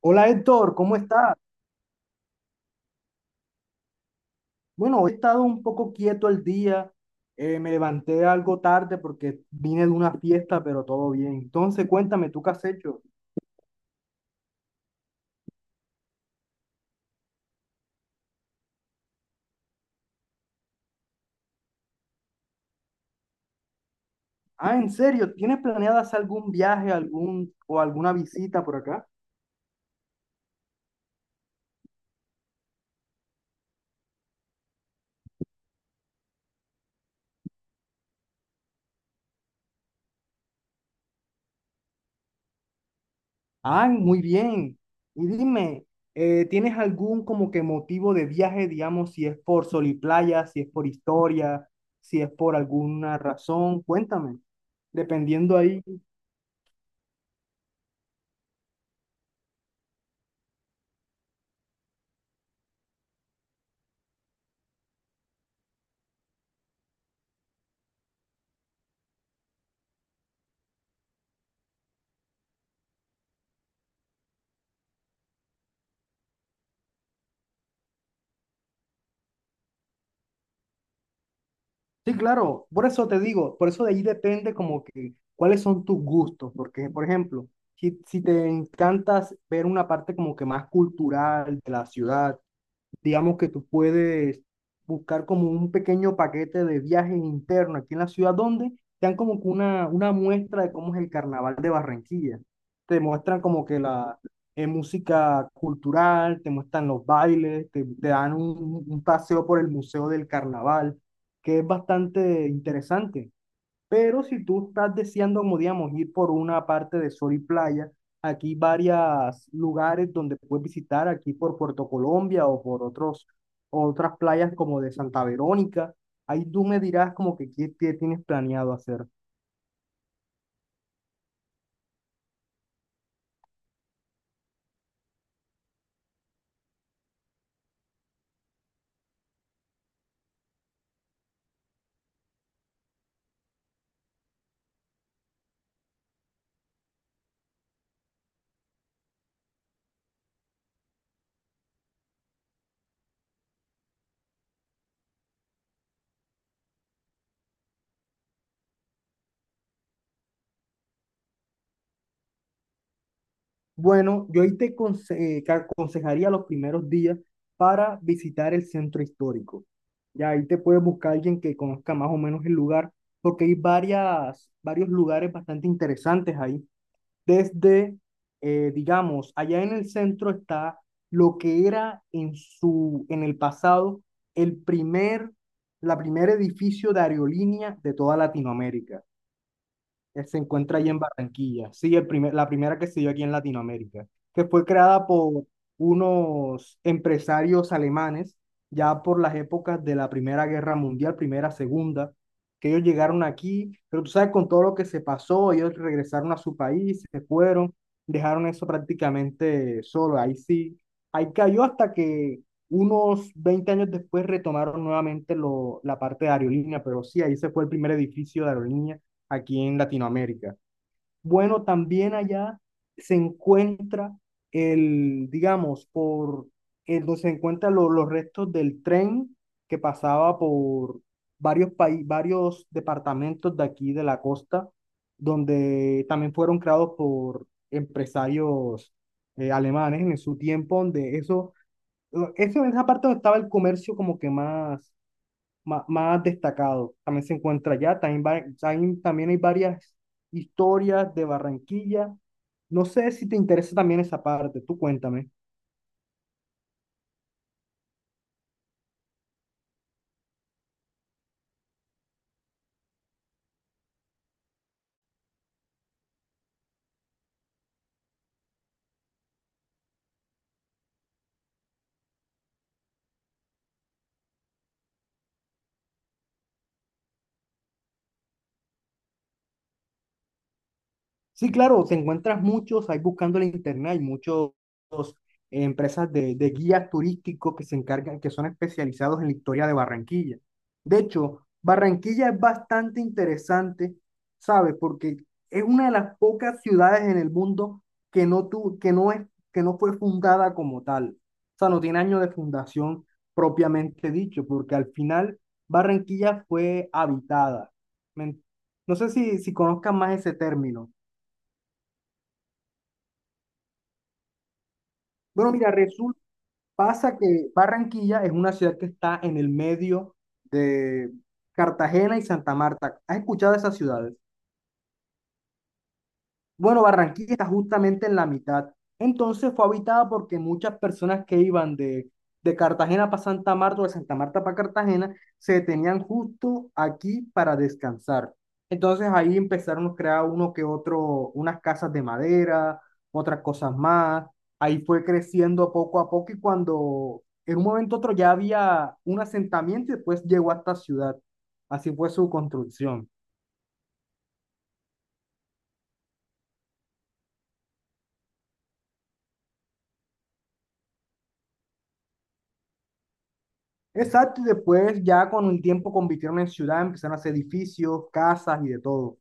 Hola Héctor, ¿cómo estás? Bueno, he estado un poco quieto el día, me levanté algo tarde porque vine de una fiesta, pero todo bien. Entonces, cuéntame, ¿tú qué has hecho? Ah, ¿en serio? ¿Tienes planeado hacer algún viaje, algún o alguna visita por acá? Ah, muy bien. Y dime, ¿tienes algún como que motivo de viaje, digamos, si es por sol y playa, si es por historia, si es por alguna razón? Cuéntame, dependiendo ahí. Sí, claro, por eso te digo, por eso de ahí depende como que cuáles son tus gustos, porque por ejemplo, si te encantas ver una parte como que más cultural de la ciudad, digamos que tú puedes buscar como un pequeño paquete de viajes internos aquí en la ciudad donde te dan como que una muestra de cómo es el carnaval de Barranquilla. Te muestran como que la música cultural, te muestran los bailes, te dan un paseo por el Museo del Carnaval, que es bastante interesante. Pero si tú estás deseando, como digamos, ir por una parte de sol y playa, aquí varios lugares donde puedes visitar, aquí por Puerto Colombia o por otros, otras playas como de Santa Verónica. Ahí tú me dirás como que qué, qué tienes planeado hacer. Bueno, yo ahí que aconsejaría los primeros días para visitar el centro histórico. Ya ahí te puedes buscar alguien que conozca más o menos el lugar, porque hay varias, varios lugares bastante interesantes ahí. Desde, digamos, allá en el centro está lo que era en en el pasado, el primer, la primer edificio de aerolínea de toda Latinoamérica. Él se encuentra allí en Barranquilla. Sí, la primera que se dio aquí en Latinoamérica, que fue creada por unos empresarios alemanes, ya por las épocas de la Primera Guerra Mundial, Primera, Segunda, que ellos llegaron aquí, pero tú sabes, con todo lo que se pasó, ellos regresaron a su país, se fueron, dejaron eso prácticamente solo. Ahí sí, ahí cayó hasta que unos 20 años después retomaron nuevamente lo, la parte de aerolínea, pero sí, ahí se fue el primer edificio de aerolínea aquí en Latinoamérica. Bueno, también allá se encuentra el, digamos, donde se encuentran los restos del tren que pasaba por varios países, varios departamentos de aquí de la costa, donde también fueron creados por empresarios alemanes en su tiempo, donde eso en esa parte donde estaba el comercio como que más destacado. También se encuentra allá, también, también, también hay varias historias de Barranquilla. No sé si te interesa también esa parte, tú cuéntame. Sí, claro, te encuentras muchos ahí buscando en internet, hay muchos empresas de guías turísticos que se encargan, que son especializados en la historia de Barranquilla. De hecho, Barranquilla es bastante interesante, ¿sabes? Porque es una de las pocas ciudades en el mundo que no es, que no fue fundada como tal. O sea, no tiene año de fundación propiamente dicho, porque al final Barranquilla fue habitada. ¿Me no sé si, si conozcan más ese término? Bueno, mira, resulta, pasa que Barranquilla es una ciudad que está en el medio de Cartagena y Santa Marta. ¿Has escuchado de esas ciudades? Bueno, Barranquilla está justamente en la mitad. Entonces fue habitada porque muchas personas que iban de Cartagena para Santa Marta o de Santa Marta para Cartagena se detenían justo aquí para descansar. Entonces ahí empezaron a crear uno que otro, unas casas de madera, otras cosas más. Ahí fue creciendo poco a poco y cuando en un momento u otro ya había un asentamiento y después llegó a esta ciudad. Así fue su construcción. Exacto, y después ya con el tiempo convirtieron en ciudad, empezaron a hacer edificios, casas y de todo,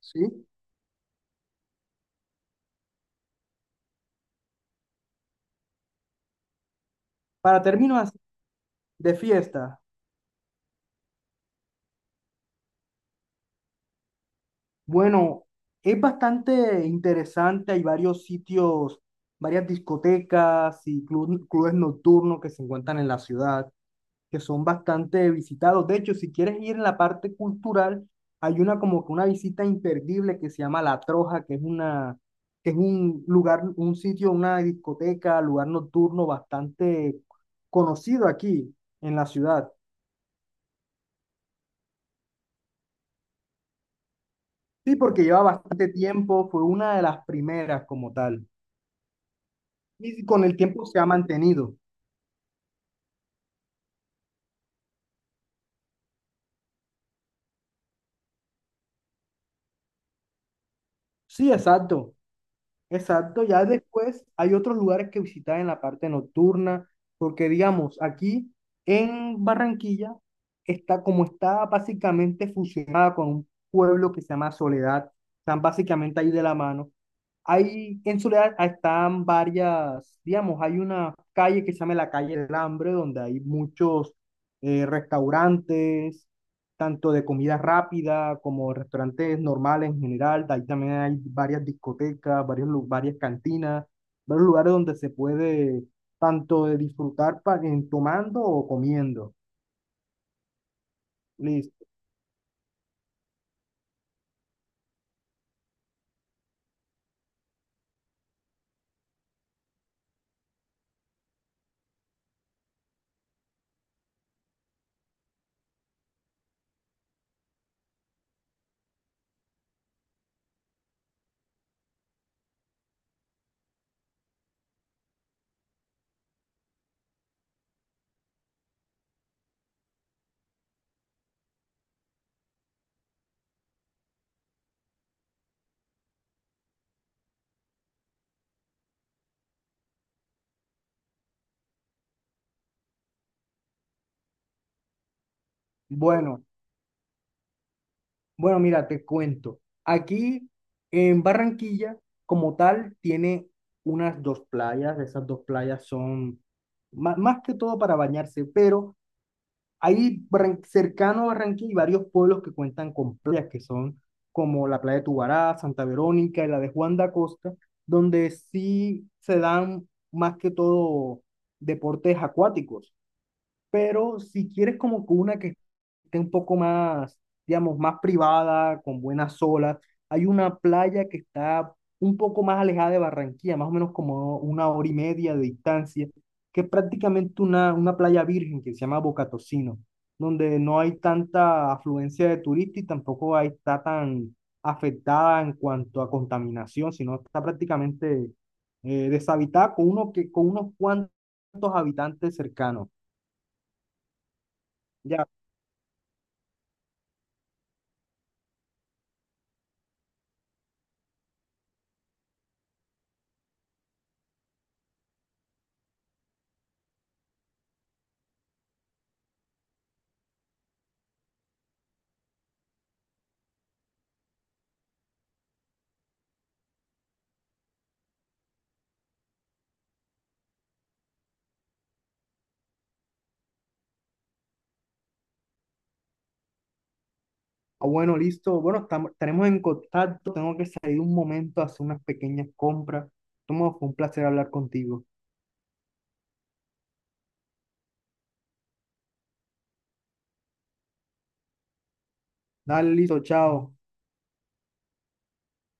¿sí? Para términos así de fiesta, bueno, es bastante interesante, hay varios sitios, varias discotecas y clubes nocturnos que se encuentran en la ciudad, que son bastante visitados. De hecho, si quieres ir en la parte cultural, hay una como que una visita imperdible que se llama La Troja, que es una, que es un lugar, un sitio, una discoteca, lugar nocturno bastante conocido aquí en la ciudad. Sí, porque lleva bastante tiempo, fue una de las primeras como tal. Y con el tiempo se ha mantenido. Sí, exacto. Exacto, ya después hay otros lugares que visitar en la parte nocturna, porque digamos, aquí en Barranquilla está básicamente fusionada con un pueblo que se llama Soledad, están básicamente ahí de la mano, hay en Soledad están varias, digamos, hay una calle que se llama la calle del Hambre, donde hay muchos restaurantes, tanto de comida rápida como restaurantes normales en general. De ahí también hay varias discotecas, varias cantinas, varios lugares donde se puede tanto de disfrutar tomando o comiendo. Listo. Bueno, bueno, mira, te cuento. Aquí en Barranquilla, como tal, tiene unas 2 playas. Esas 2 playas son más, que todo para bañarse, pero ahí cercano a Barranquilla hay varios pueblos que cuentan con playas, que son como la playa de Tubará, Santa Verónica y la de Juan de Acosta, donde sí se dan más que todo deportes acuáticos. Pero si quieres como que una que esté un poco más, digamos, más privada, con buenas olas. Hay una playa que está un poco más alejada de Barranquilla, más o menos como 1 hora y media de distancia, que es prácticamente una playa virgen que se llama Bocatocino, donde no hay tanta afluencia de turistas y tampoco hay, está tan afectada en cuanto a contaminación, sino está prácticamente deshabitada con, uno que, con unos cuantos habitantes cercanos. Ya, ah, bueno, listo. Bueno, estamos, estaremos en contacto. Tengo que salir un momento a hacer unas pequeñas compras. Tomo, fue un placer hablar contigo. Dale, listo, chao.